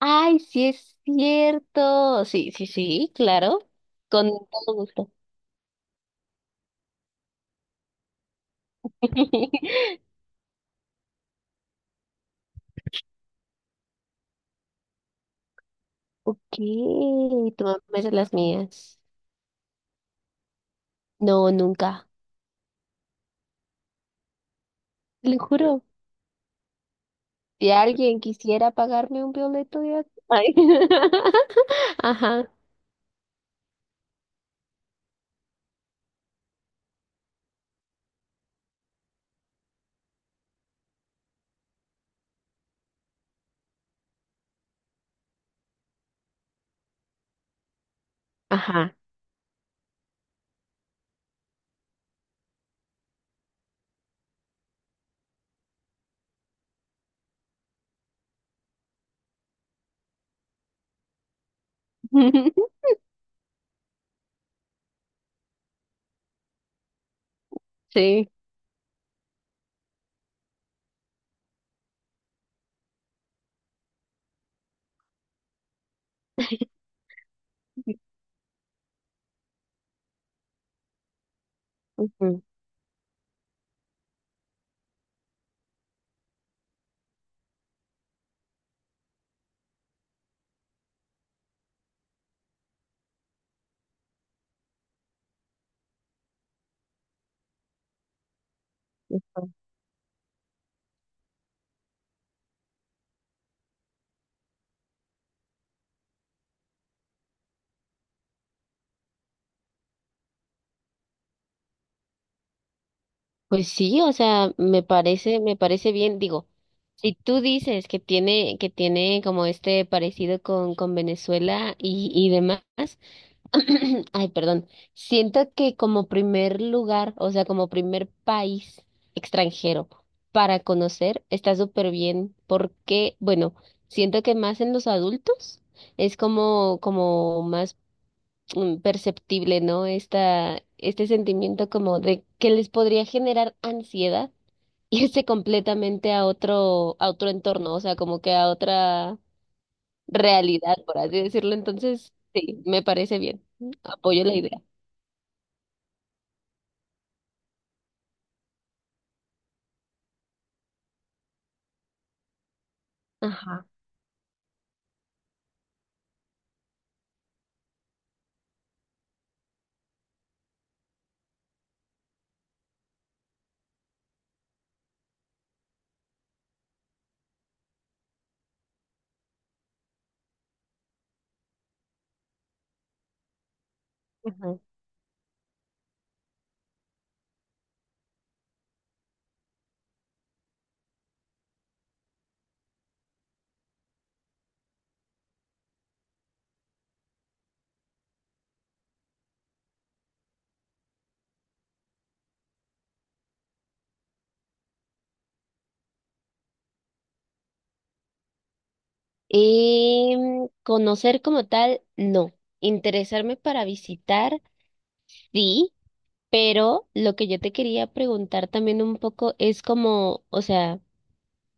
Ay, sí es cierto. Sí, sí, sí, claro. Con todo gusto. Ok, tú me haces las mías. No, nunca. Lo juro. Si alguien quisiera pagarme un violeto de Ay. Ajá, ajá. Sí. Ujú. Pues sí, o sea, me parece bien. Digo, si tú dices que tiene como este parecido con Venezuela y demás. Ay, perdón. Siento que como primer lugar, o sea, como primer país extranjero para conocer, está súper bien porque, bueno, siento que más en los adultos es como, como más perceptible, ¿no? Esta, este sentimiento como de que les podría generar ansiedad irse completamente a otro entorno, o sea, como que a otra realidad, por así decirlo. Entonces, sí, me parece bien. Apoyo la idea. Ajá. Ajá. Y conocer como tal, no. Interesarme para visitar, sí, pero lo que yo te quería preguntar también un poco es como, o sea,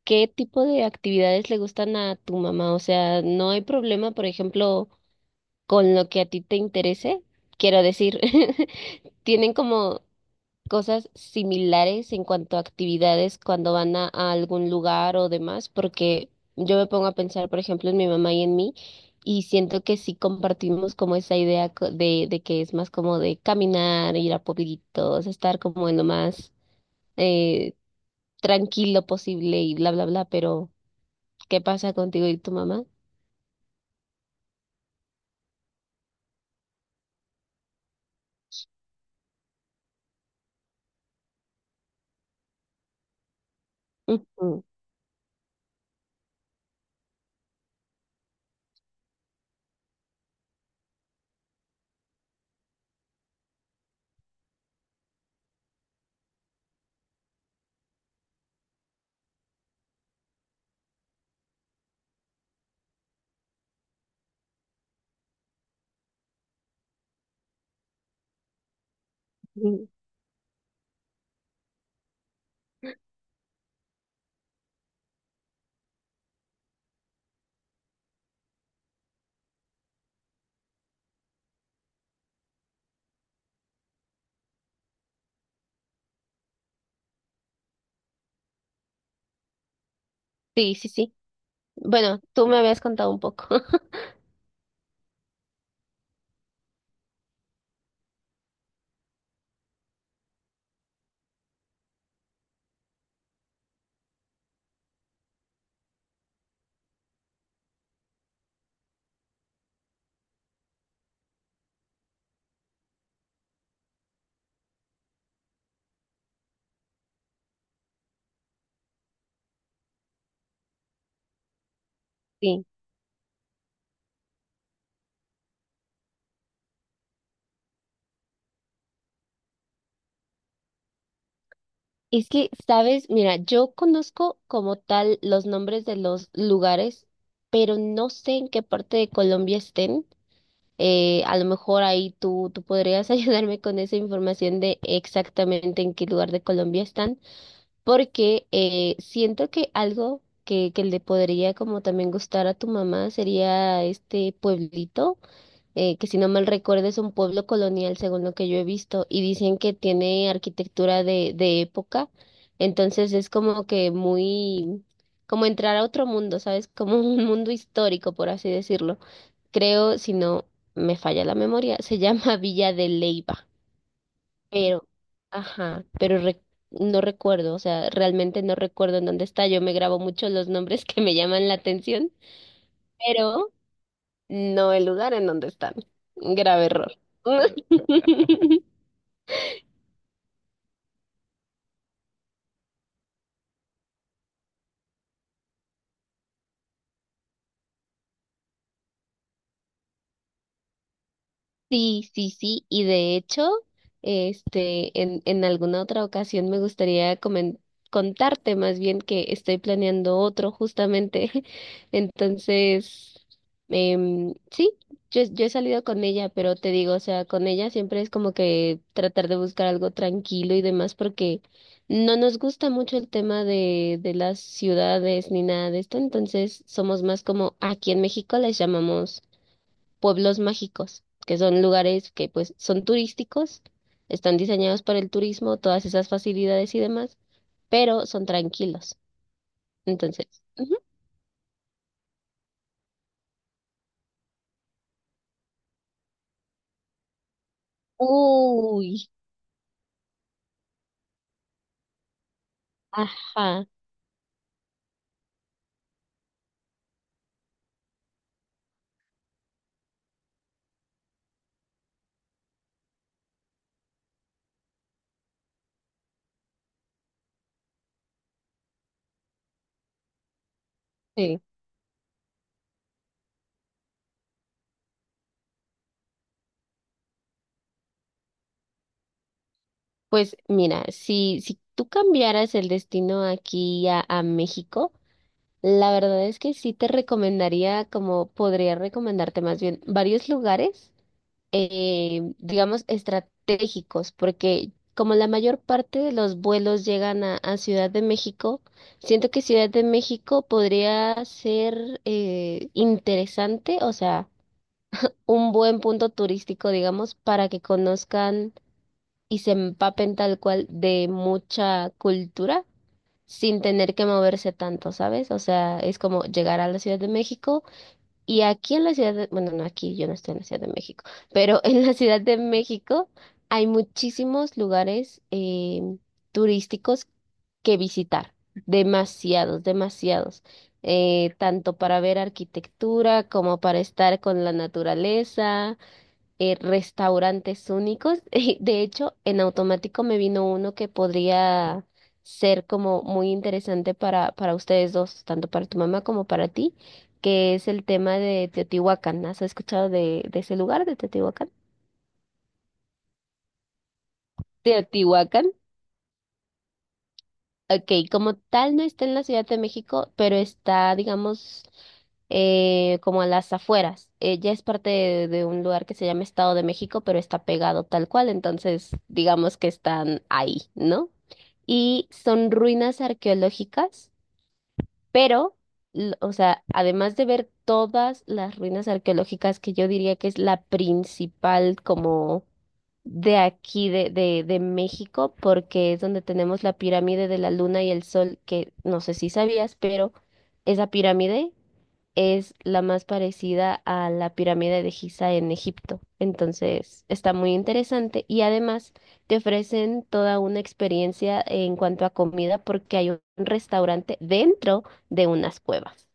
¿qué tipo de actividades le gustan a tu mamá? O sea, ¿no hay problema, por ejemplo, con lo que a ti te interese? Quiero decir, ¿tienen como cosas similares en cuanto a actividades cuando van a algún lugar o demás, porque yo me pongo a pensar, por ejemplo, en mi mamá y en mí, y siento que sí compartimos como esa idea co- de que es más como de caminar, ir a pueblitos, estar como en lo más eh, tranquilo posible y bla, bla, bla, pero ¿qué pasa contigo y tu mamá? Ujú. Sí, sí, sí. Bueno, tú me habías contado un poco. Sí. Es que, sabes, mira, yo conozco como tal los nombres de los lugares, pero no sé en qué parte de Colombia estén. A lo mejor ahí tú, tú podrías ayudarme con esa información de exactamente en qué lugar de Colombia están, porque siento que algo que le podría como también gustar a tu mamá sería este pueblito que si no mal recuerdo es un pueblo colonial, según lo que yo he visto, y dicen que tiene arquitectura de época, entonces es como que muy, como entrar a otro mundo, ¿sabes? Como un mundo histórico, por así decirlo. Creo, si no me falla la memoria, se llama Villa de Leyva, pero, ajá, no recuerdo, o sea, realmente no recuerdo en dónde está, yo me grabo mucho los nombres que me llaman la atención, pero... No el lugar en donde están. Grave error. Sí, sí, sí, y de hecho, este, en alguna otra ocasión me gustaría contarte más bien que estoy planeando otro justamente. Entonces, sí, yo he salido con ella, pero te digo, o sea, con ella siempre es como que tratar de buscar algo tranquilo y demás, porque no nos gusta mucho el tema de las ciudades ni nada de esto, entonces somos más como aquí en México les llamamos pueblos mágicos, que son lugares que pues son turísticos, están diseñados para el turismo, todas esas facilidades y demás, pero son tranquilos. Entonces, ujú. Uy, ajá, sí. Pues mira, si, si tú cambiaras el destino aquí a México, la verdad es que sí te recomendaría, como podría recomendarte más bien, varios lugares digamos, estratégicos, porque como la mayor parte de los vuelos llegan a Ciudad de México, siento que Ciudad de México podría ser interesante, o sea, un buen punto turístico, digamos, para que conozcan y se empapen tal cual de mucha cultura, sin tener que moverse tanto, ¿sabes? O sea, es como llegar a la Ciudad de México y aquí en la ciudad de, bueno, no aquí, yo no estoy en la Ciudad de México, pero en la Ciudad de México hay muchísimos lugares turísticos que visitar, demasiados, demasiados, tanto para ver arquitectura como para estar con la naturaleza, restaurantes únicos. Y de hecho, en automático me vino uno que podría ser como muy interesante para ustedes dos, tanto para tu mamá como para ti, que es el tema de Teotihuacán. ¿Has escuchado de ese lugar, de Teotihuacán? Teotihuacán. Ok, como tal no está en la Ciudad de México, pero está, digamos, como a las afueras. Ella es parte de un lugar que se llama Estado de México, pero está pegado tal cual, entonces digamos que están ahí, ¿no? Y son ruinas arqueológicas. Pero, o sea, además de ver todas las ruinas arqueológicas que yo diría que es la principal como de aquí, de México, porque es donde tenemos la pirámide de la Luna y el Sol, que no sé si sabías, pero esa pirámide es la más parecida a la pirámide de Giza en Egipto. Entonces, está muy interesante y además te ofrecen toda una experiencia en cuanto a comida porque hay un restaurante dentro de unas cuevas.